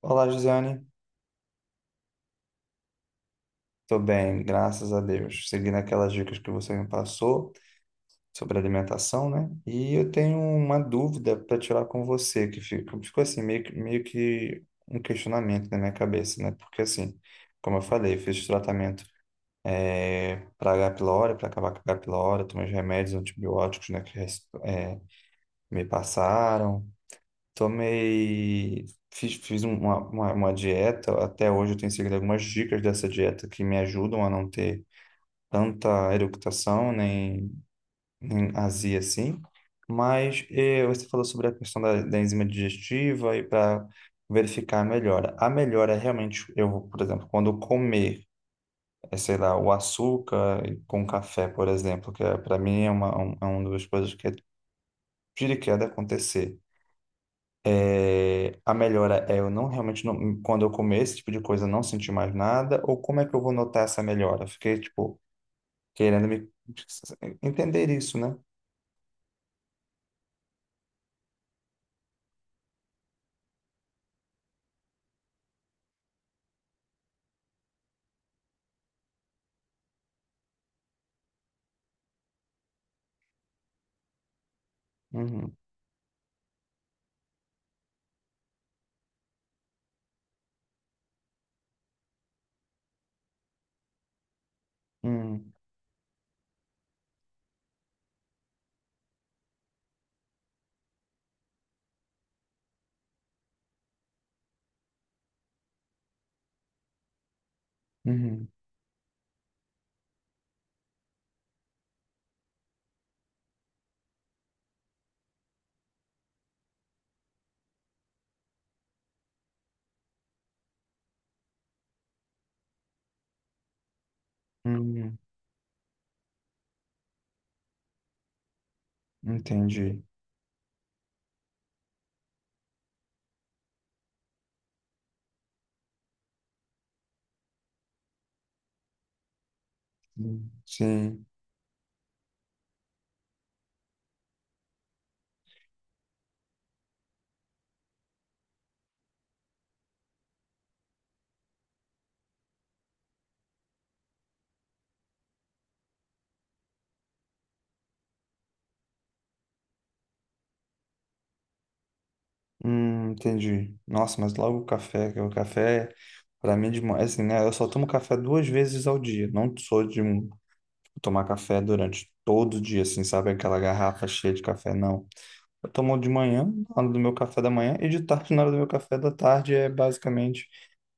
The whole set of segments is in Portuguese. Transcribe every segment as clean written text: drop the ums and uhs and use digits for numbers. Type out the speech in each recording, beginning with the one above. Olá, Josiane. Tô bem, graças a Deus. Seguindo aquelas dicas que você me passou sobre alimentação, né? E eu tenho uma dúvida para tirar com você, que ficou assim, meio que um questionamento na minha cabeça, né? Porque assim, como eu falei, eu fiz tratamento para H. pylori, para acabar com a H. pylori, tomei os remédios antibióticos, né, me passaram. Tomei, fiz uma dieta, até hoje eu tenho seguido algumas dicas dessa dieta que me ajudam a não ter tanta eructação nem azia assim. Mas você falou sobre a questão da enzima digestiva e para verificar a melhora. A melhora é realmente, eu, vou, por exemplo, quando eu comer, sei lá, o açúcar com café, por exemplo, que é, para mim é uma das coisas que é tira e queda acontecer. É, a melhora é eu não realmente não, quando eu comer esse tipo de coisa eu não sentir mais nada, ou como é que eu vou notar essa melhora? Fiquei tipo querendo me entender isso, né? Uhum, uhum, uhum, uhum, entendi. Sim, entendi. Nossa, mas logo o café, que o café para mim de manhã, assim, né? Eu só tomo café duas vezes ao dia. Não sou de tomar café durante todo o dia, assim, sabe? Aquela garrafa cheia de café, não. Eu tomo de manhã, na hora do meu café da manhã, e de tarde, na hora do meu café da tarde, é basicamente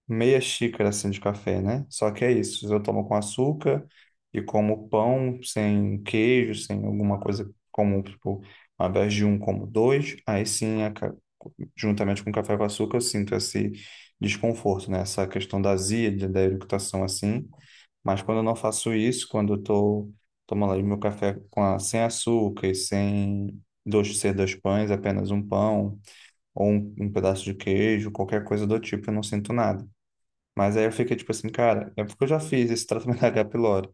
meia xícara assim de café, né? Só que é isso, eu tomo com açúcar e como pão sem queijo, sem alguma coisa comum, tipo, ao invés de um, como dois, aí sim, juntamente com o café com açúcar, eu sinto esse desconforto, né? Essa questão da azia, da eructação assim. Mas quando eu não faço isso, quando eu tô tomando ali meu café sem açúcar e sem dois, ser dois pães, apenas um pão ou um pedaço de queijo, qualquer coisa do tipo, eu não sinto nada. Mas aí eu fiquei tipo assim, cara, é porque eu já fiz esse tratamento da H. pylori.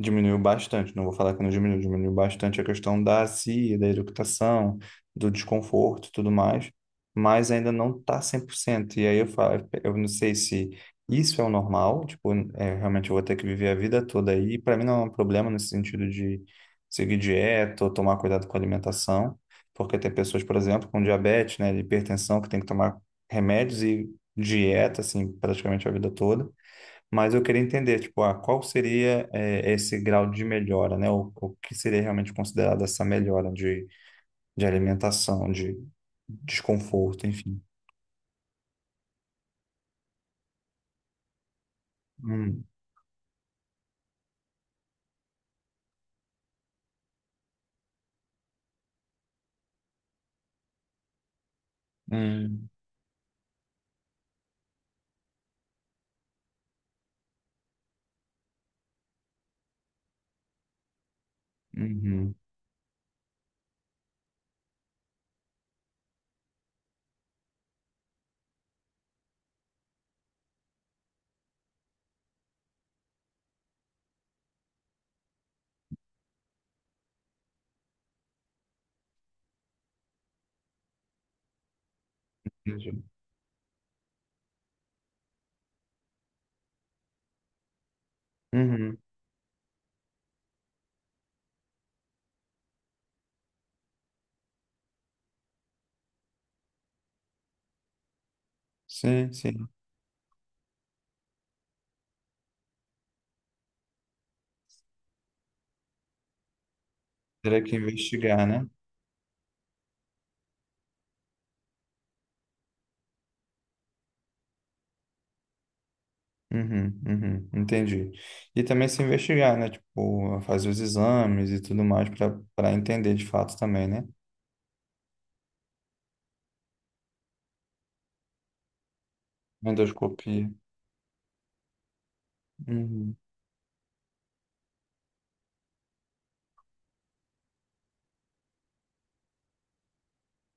Diminuiu bastante, não vou falar que não diminuiu, diminuiu bastante a questão da CIA, da eructação, do desconforto e tudo mais, mas ainda não está 100%. E aí eu falo, eu não sei se isso é o normal, tipo, é, realmente eu vou ter que viver a vida toda aí. Para mim não é um problema nesse sentido de seguir dieta ou tomar cuidado com a alimentação, porque tem pessoas, por exemplo, com diabetes, né, hipertensão, que tem que tomar remédios e dieta, assim, praticamente a vida toda. Mas eu queria entender, tipo, ah, qual seria esse grau de melhora, né? O que seria realmente considerado essa melhora de alimentação, de desconforto, enfim. Hum, hum, uhum, entendi. Uhum, sim, sim. Teria que investigar, né? Uhum, uhum, entendi. E também se investigar, né? Tipo, fazer os exames e tudo mais para entender de fato também, né? Endoscopia. Uhum.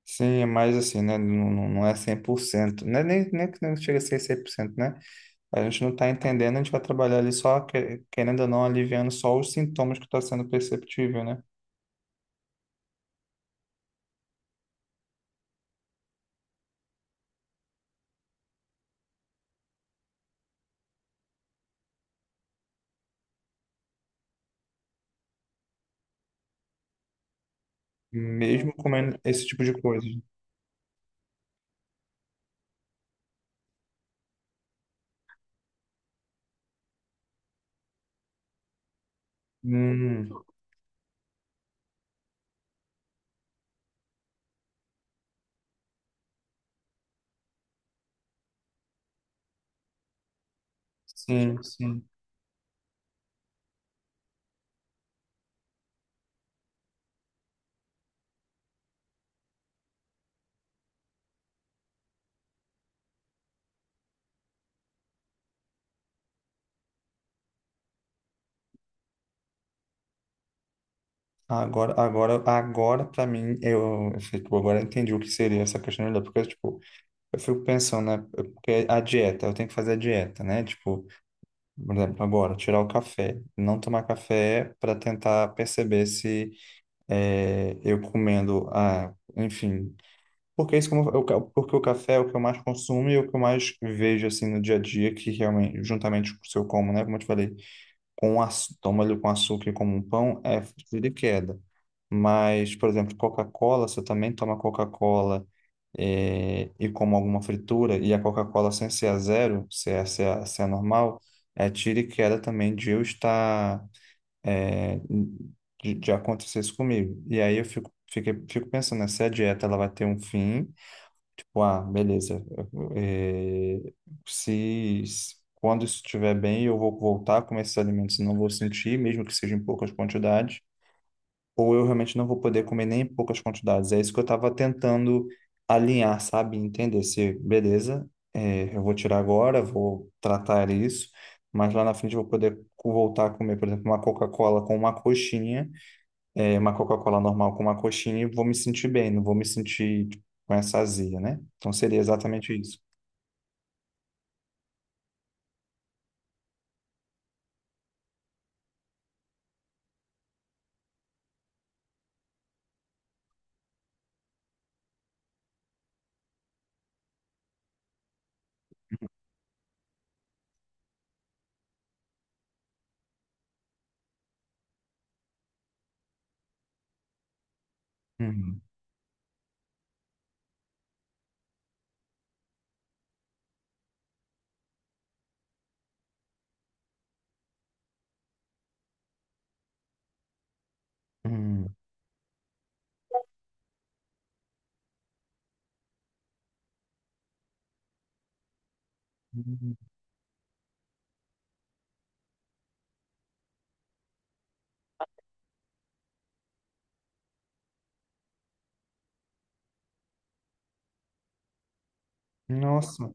Sim, é mais assim, né? Não, não não é 100%. Não é nem, nem que não chega a ser 100% né? A gente não está entendendo, a gente vai trabalhar ali só, querendo ou não, aliviando só os sintomas que está sendo perceptível, né? Mesmo comendo esse tipo de coisa. Hum, sim, sim. Agora para mim, eu, tipo, agora eu entendi o que seria essa questão da porque, tipo, eu fico pensando, né? Porque a dieta, eu tenho que fazer a dieta, né? Tipo, por exemplo, agora, tirar o café. Não tomar café para tentar perceber se é, eu comendo, ah, enfim. Porque isso porque o café é o que eu mais consumo e é o que eu mais vejo assim no dia a dia, que realmente, juntamente com o seu como, né? Como eu te falei, toma ele com açúcar e como um pão, é de queda. Mas, por exemplo, Coca-Cola, se eu também tomar Coca-Cola e como alguma fritura, e a Coca-Cola sem ser a zero, se é normal, é tira e queda também de eu estar, eh, de acontecer isso comigo. E aí eu fico pensando, né, se a dieta ela vai ter um fim, tipo, ah, beleza, eh, quando isso estiver bem, eu vou voltar a comer esses alimentos, não vou sentir, mesmo que seja em poucas quantidades, ou eu realmente não vou poder comer nem em poucas quantidades. É isso que eu estava tentando alinhar, sabe? Entender se, beleza, é, eu vou tirar agora, vou tratar isso, mas lá na frente eu vou poder voltar a comer, por exemplo, uma Coca-Cola com uma coxinha, é, uma Coca-Cola normal com uma coxinha e vou me sentir bem, não vou me sentir tipo, com essa azia, né? Então seria exatamente isso. Uhum. Uhum. Uhum. Nossa.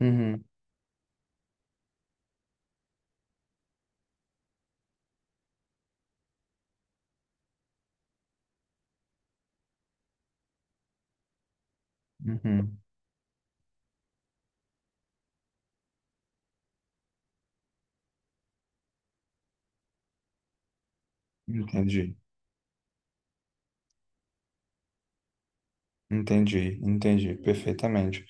Uhum. Uhum. Entendi. Entendi, entendi perfeitamente.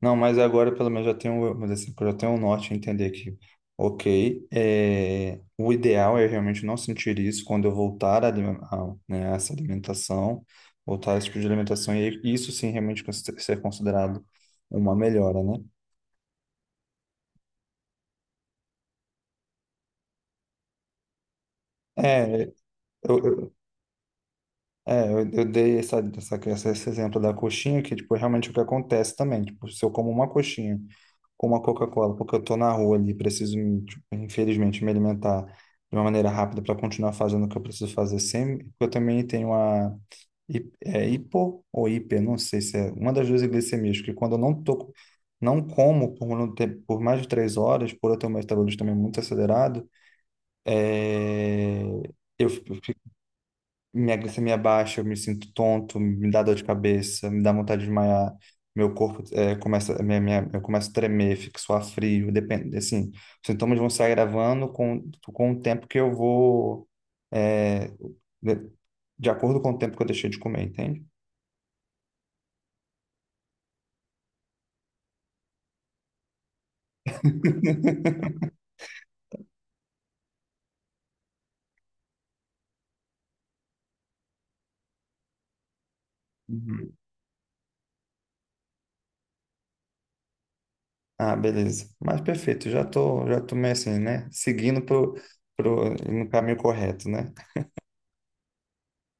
Não, mas agora pelo menos já tenho, mas assim, já tenho um norte a entender que, ok, é, o ideal é realmente não sentir isso quando eu voltar a, a, né, a essa alimentação, voltar a esse tipo de alimentação, e isso sim realmente ser considerado uma melhora, né? É, eu, eu- é, eu dei esse exemplo da coxinha, que tipo, é realmente é o que acontece também, tipo, se eu como uma coxinha com uma Coca-Cola, porque eu tô na rua ali, preciso, me, tipo, infelizmente, me alimentar de uma maneira rápida para continuar fazendo o que eu preciso fazer sempre, porque eu também tenho a hipo ou hiper, não sei se é uma das duas glicemias, que quando eu não como por mais de 3 horas, por eu ter um metabolismo também muito acelerado, é, eu minha glicemia baixa, eu me sinto tonto, me dá dor de cabeça, me dá vontade de desmaiar, meu corpo começa, eu começo a tremer, fico suar frio, depende, assim, os sintomas vão se agravando com o tempo que eu vou, eh, de, de acordo com o tempo que eu deixei de comer, entende? Uhum. Ah, beleza. Mas perfeito, já tô meio assim, né? Seguindo no caminho correto, né?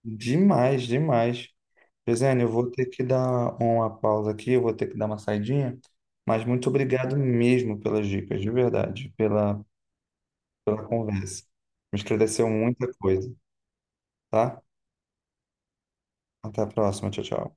Demais, demais. Gisele, eu vou ter que dar uma pausa aqui, eu vou ter que dar uma saidinha, mas muito obrigado mesmo pelas dicas, de verdade, pela, conversa. Me esclareceu muita coisa, tá? Até a próxima, tchau, tchau.